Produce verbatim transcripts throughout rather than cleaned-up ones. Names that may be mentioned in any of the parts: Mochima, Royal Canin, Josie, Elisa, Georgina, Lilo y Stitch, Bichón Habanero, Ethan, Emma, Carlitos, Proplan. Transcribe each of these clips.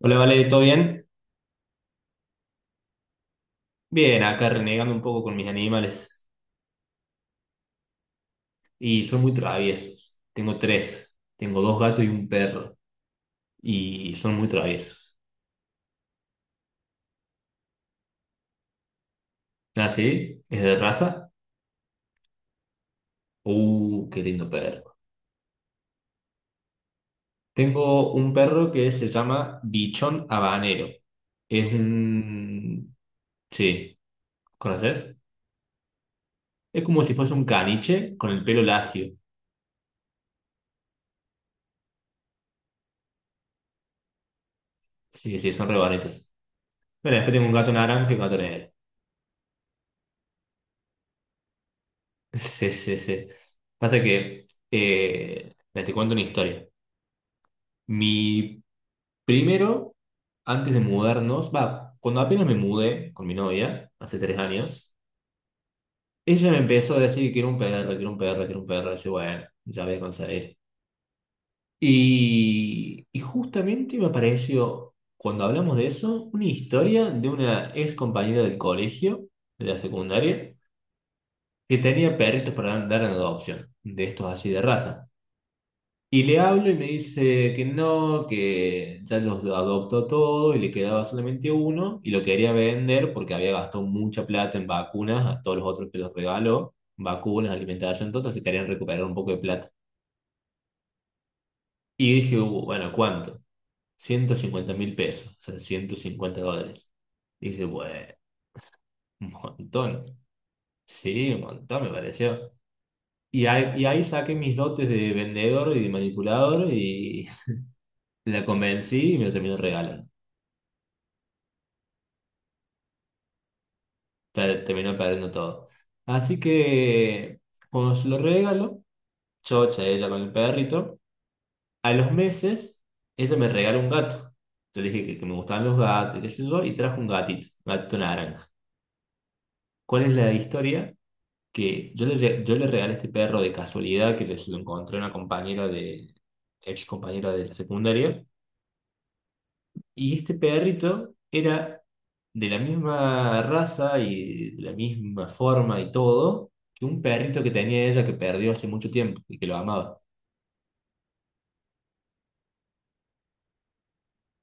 Hola, Vale, ¿todo bien? Bien, acá renegando un poco con mis animales. Y son muy traviesos. Tengo tres. Tengo dos gatos y un perro. Y son muy traviesos. ¿Ah, sí? ¿Es de raza? Uh, qué lindo perro. Tengo un perro que se llama Bichón Habanero. Es un... Sí, ¿conoces? Es como si fuese un caniche con el pelo lacio. Sí, sí, son re bonitos. Bueno, después tengo un gato naranja y un gato negro. Sí, sí, sí. Pasa que, eh, mira, te cuento una historia. Mi Primero, antes de mudarnos, va, cuando apenas me mudé con mi novia, hace tres años, ella me empezó a decir que quiero un perro, quiero un perro, quiero un perro. Y yo, bueno, ya voy a conseguir. Y, y justamente me apareció, cuando hablamos de eso, una historia de una ex compañera del colegio, de la secundaria, que tenía perritos para dar en adopción, de estos así de raza. Y le hablo y me dice que no, que ya los adoptó todo y le quedaba solamente uno y lo quería vender porque había gastado mucha plata en vacunas a todos los otros que los regaló, vacunas, alimentación, todo, se querían recuperar un poco de plata. Y dije, "Uh, bueno, ¿cuánto? Ciento cincuenta mil pesos, o sea, ciento cincuenta dólares". Dije, bueno, un montón. Sí, un montón me pareció. Y ahí, y ahí saqué mis dotes de vendedor y de manipulador y la convencí y me lo terminó regalando. Per- terminó perdiendo todo. Así que cuando se lo regalo, chocha ella con el perrito, a los meses ella me regaló un gato. Yo le dije que, que me gustaban los gatos y qué sé yo, y trajo un gatito, un gatito naranja. ¿Cuál es la historia? Que yo le, re- yo le regalé este perro de casualidad que le- se lo encontré a una compañera de, ex compañera de la secundaria. Y este perrito era de la misma raza y de la misma forma y todo que un perrito que tenía ella que perdió hace mucho tiempo y que lo amaba.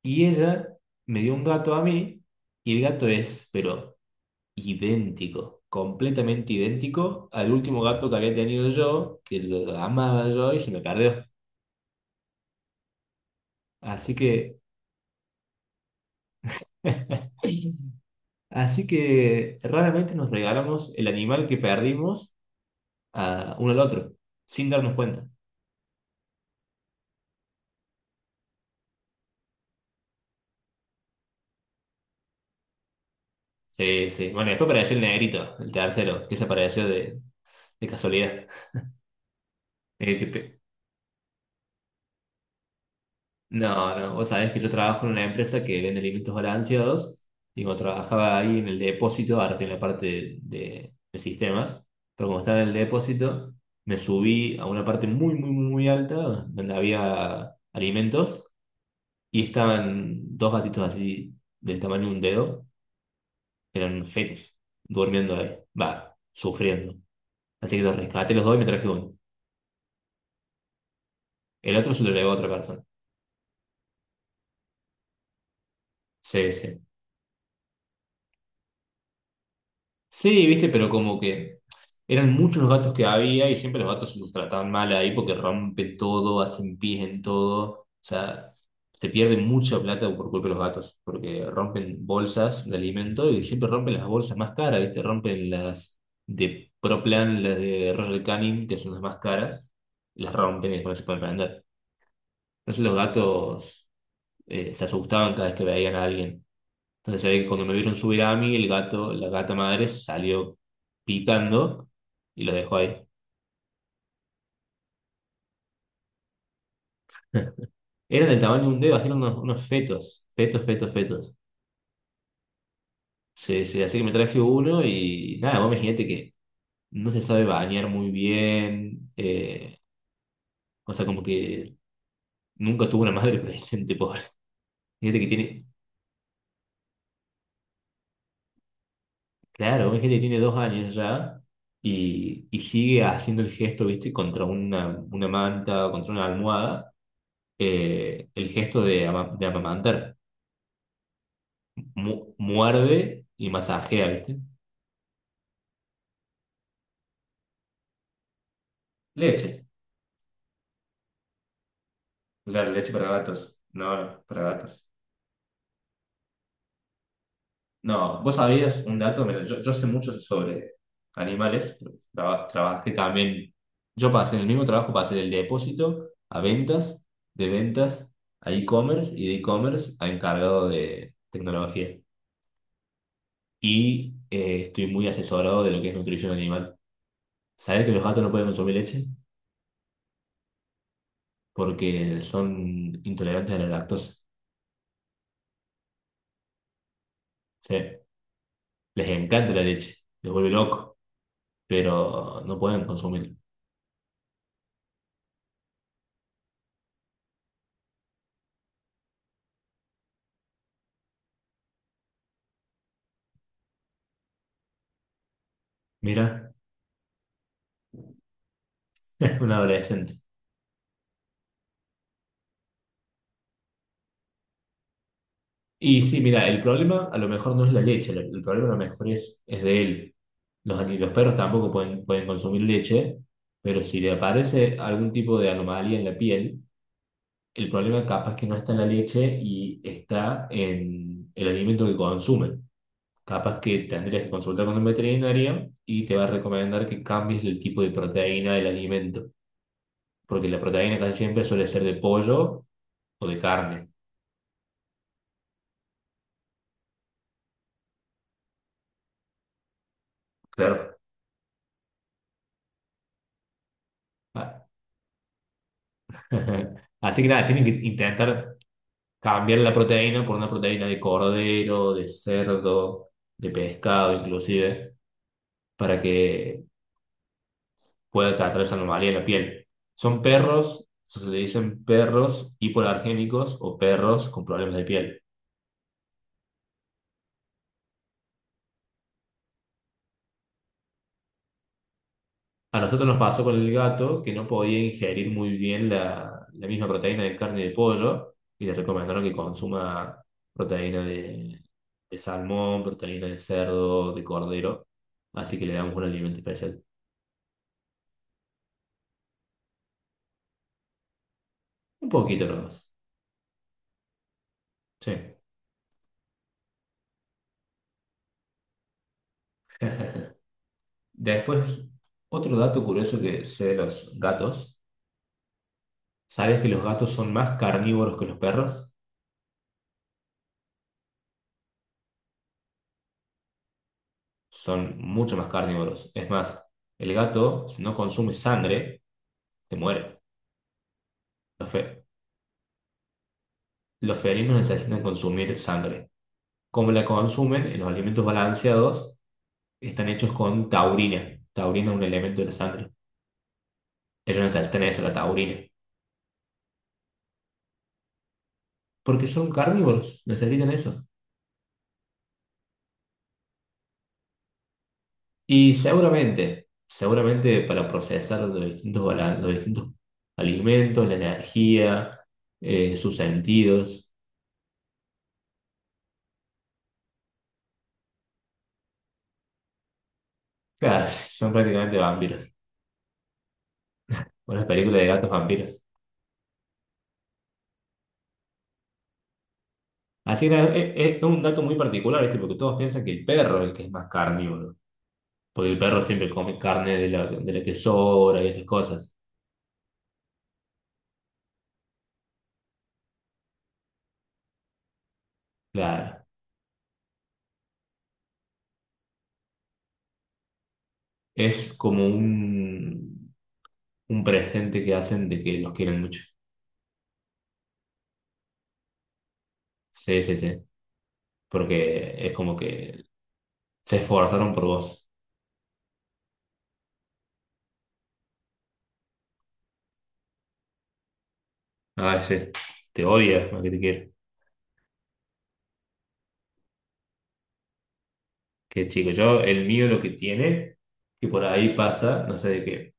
Y ella me dio un gato a mí y el gato es, pero idéntico, completamente idéntico al último gato que había tenido yo, que lo amaba yo y se me perdió. Así que... Así que raramente nos regalamos el animal que perdimos a uno al otro, sin darnos cuenta. Sí, sí. Bueno, y después apareció el negrito, el tercero, que desapareció de, de casualidad. El que pe- No, no, vos sabés que yo trabajo en una empresa que vende alimentos balanceados y cuando trabajaba ahí en el depósito, ahora estoy en la parte de, de sistemas, pero como estaba en el depósito, me subí a una parte muy, muy, muy, muy alta donde había alimentos y estaban dos gatitos así del tamaño de un dedo, eran fetos, durmiendo ahí, va, sufriendo. Así que los rescaté los dos y me traje uno. El otro se lo llevó a otra persona. Sí, sí. Sí, viste, pero como que eran muchos los gatos que había y siempre los gatos se los trataban mal ahí porque rompen todo, hacen pis en todo. O sea, te pierden mucha plata por culpa de los gatos, porque rompen bolsas de alimento y siempre rompen las bolsas más caras, viste, rompen las de Proplan, las de Royal Canin, que son las más caras, las rompen y después se pueden vender. Entonces los gatos eh, se asustaban cada vez que veían a alguien. Entonces se ve que cuando me vieron subir a mí, el gato, la gata madre salió pitando y los dejó ahí. Eran del tamaño de un dedo, así eran unos, unos fetos, fetos, fetos, fetos. Sí, sí, así que me traje uno y nada, vos imagínate que no se sabe bañar muy bien, eh, o sea, como que nunca tuvo una madre presente, pobre. Fíjate que tiene, claro, hay gente que tiene dos años ya y, y sigue haciendo el gesto, viste, contra una, una manta, contra una almohada. eh, el gesto de, ama- de amamantar. Mu- muerde y masajea, ¿viste? Leche. Claro, leche para gatos. No, no, para gatos. No, vos sabías un dato. Mira, yo, yo sé mucho sobre animales, pero traba- trabajé también, yo pasé en el mismo trabajo, pasé del depósito a ventas, de ventas a e-commerce y de e-commerce a encargado de tecnología. Y eh, estoy muy asesorado de lo que es nutrición animal. ¿Sabés que los gatos no pueden consumir leche? Porque son intolerantes a la lactosa. Sí, les encanta la leche, les vuelve loco, pero no pueden consumir. Mira, es un adolescente. Y sí, mira, el problema a lo mejor no es la leche, el, el problema a lo mejor es, es de él. Los, ani- los perros tampoco pueden, pueden consumir leche, pero si le aparece algún tipo de anomalía en la piel, el problema capaz que no está en la leche y está en el alimento que consumen. Capaz que tendrías que consultar con un veterinario y te va a recomendar que cambies el tipo de proteína del alimento, porque la proteína casi siempre suele ser de pollo o de carne. Claro. Ah. Así que nada, tienen que intentar cambiar la proteína por una proteína de cordero, de cerdo, de pescado inclusive, para que pueda tratar esa anomalía en la piel. Son perros, se le dicen perros hipoalergénicos o perros con problemas de piel. A nosotros nos pasó con el gato que no podía ingerir muy bien la, la misma proteína de carne de pollo y le recomendaron que consuma proteína de, de salmón, proteína de cerdo, de cordero. Así que le damos un alimento especial. Un poquito nomás. Sí. Después, otro dato curioso que sé de los gatos. ¿Sabes que los gatos son más carnívoros que los perros? Son mucho más carnívoros. Es más, el gato, si no consume sangre, se muere. Lo fe- Los felinos necesitan consumir sangre. Como la consumen? En los alimentos balanceados están hechos con taurina. Taurina es un elemento de la sangre. Ellos necesitan eso, la taurina. Porque son carnívoros, necesitan eso. Y seguramente, seguramente para procesar los distintos, balan- los distintos alimentos, la energía, eh, sus sentidos. Claro, son prácticamente vampiros. Una película de gatos vampiros. Así que es, es- es un dato muy particular, ¿viste? Porque todos piensan que el perro es el que es más carnívoro. Porque el perro siempre come carne de la, de la que sobra y esas cosas. Claro. Es como un, un presente que hacen de que los quieren mucho. Sí, sí, sí. Porque es como que se esforzaron por vos. A veces te odia más que te quiere. Que chico, yo, el mío lo que tiene, que por ahí pasa, no sé de qué.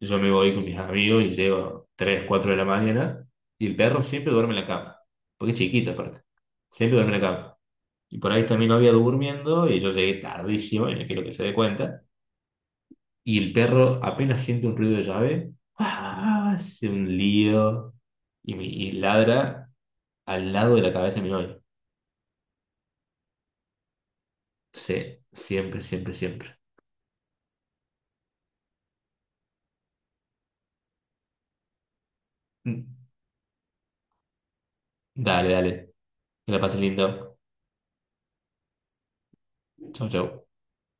Yo me voy con mis amigos y llego tres cuatro de la mañana y el perro siempre duerme en la cama. Porque es chiquito aparte. Siempre duerme en la cama. Y por ahí está mi novia durmiendo y yo llegué tardísimo y no quiero que se dé cuenta. Y el perro apenas siente un ruido de llave, ¡ah! Hace un lío y, mi- y ladra al lado de la cabeza de mi novia. Sí, siempre, siempre, siempre. Mm. Dale, dale. Que la pases lindo. Chau, chau.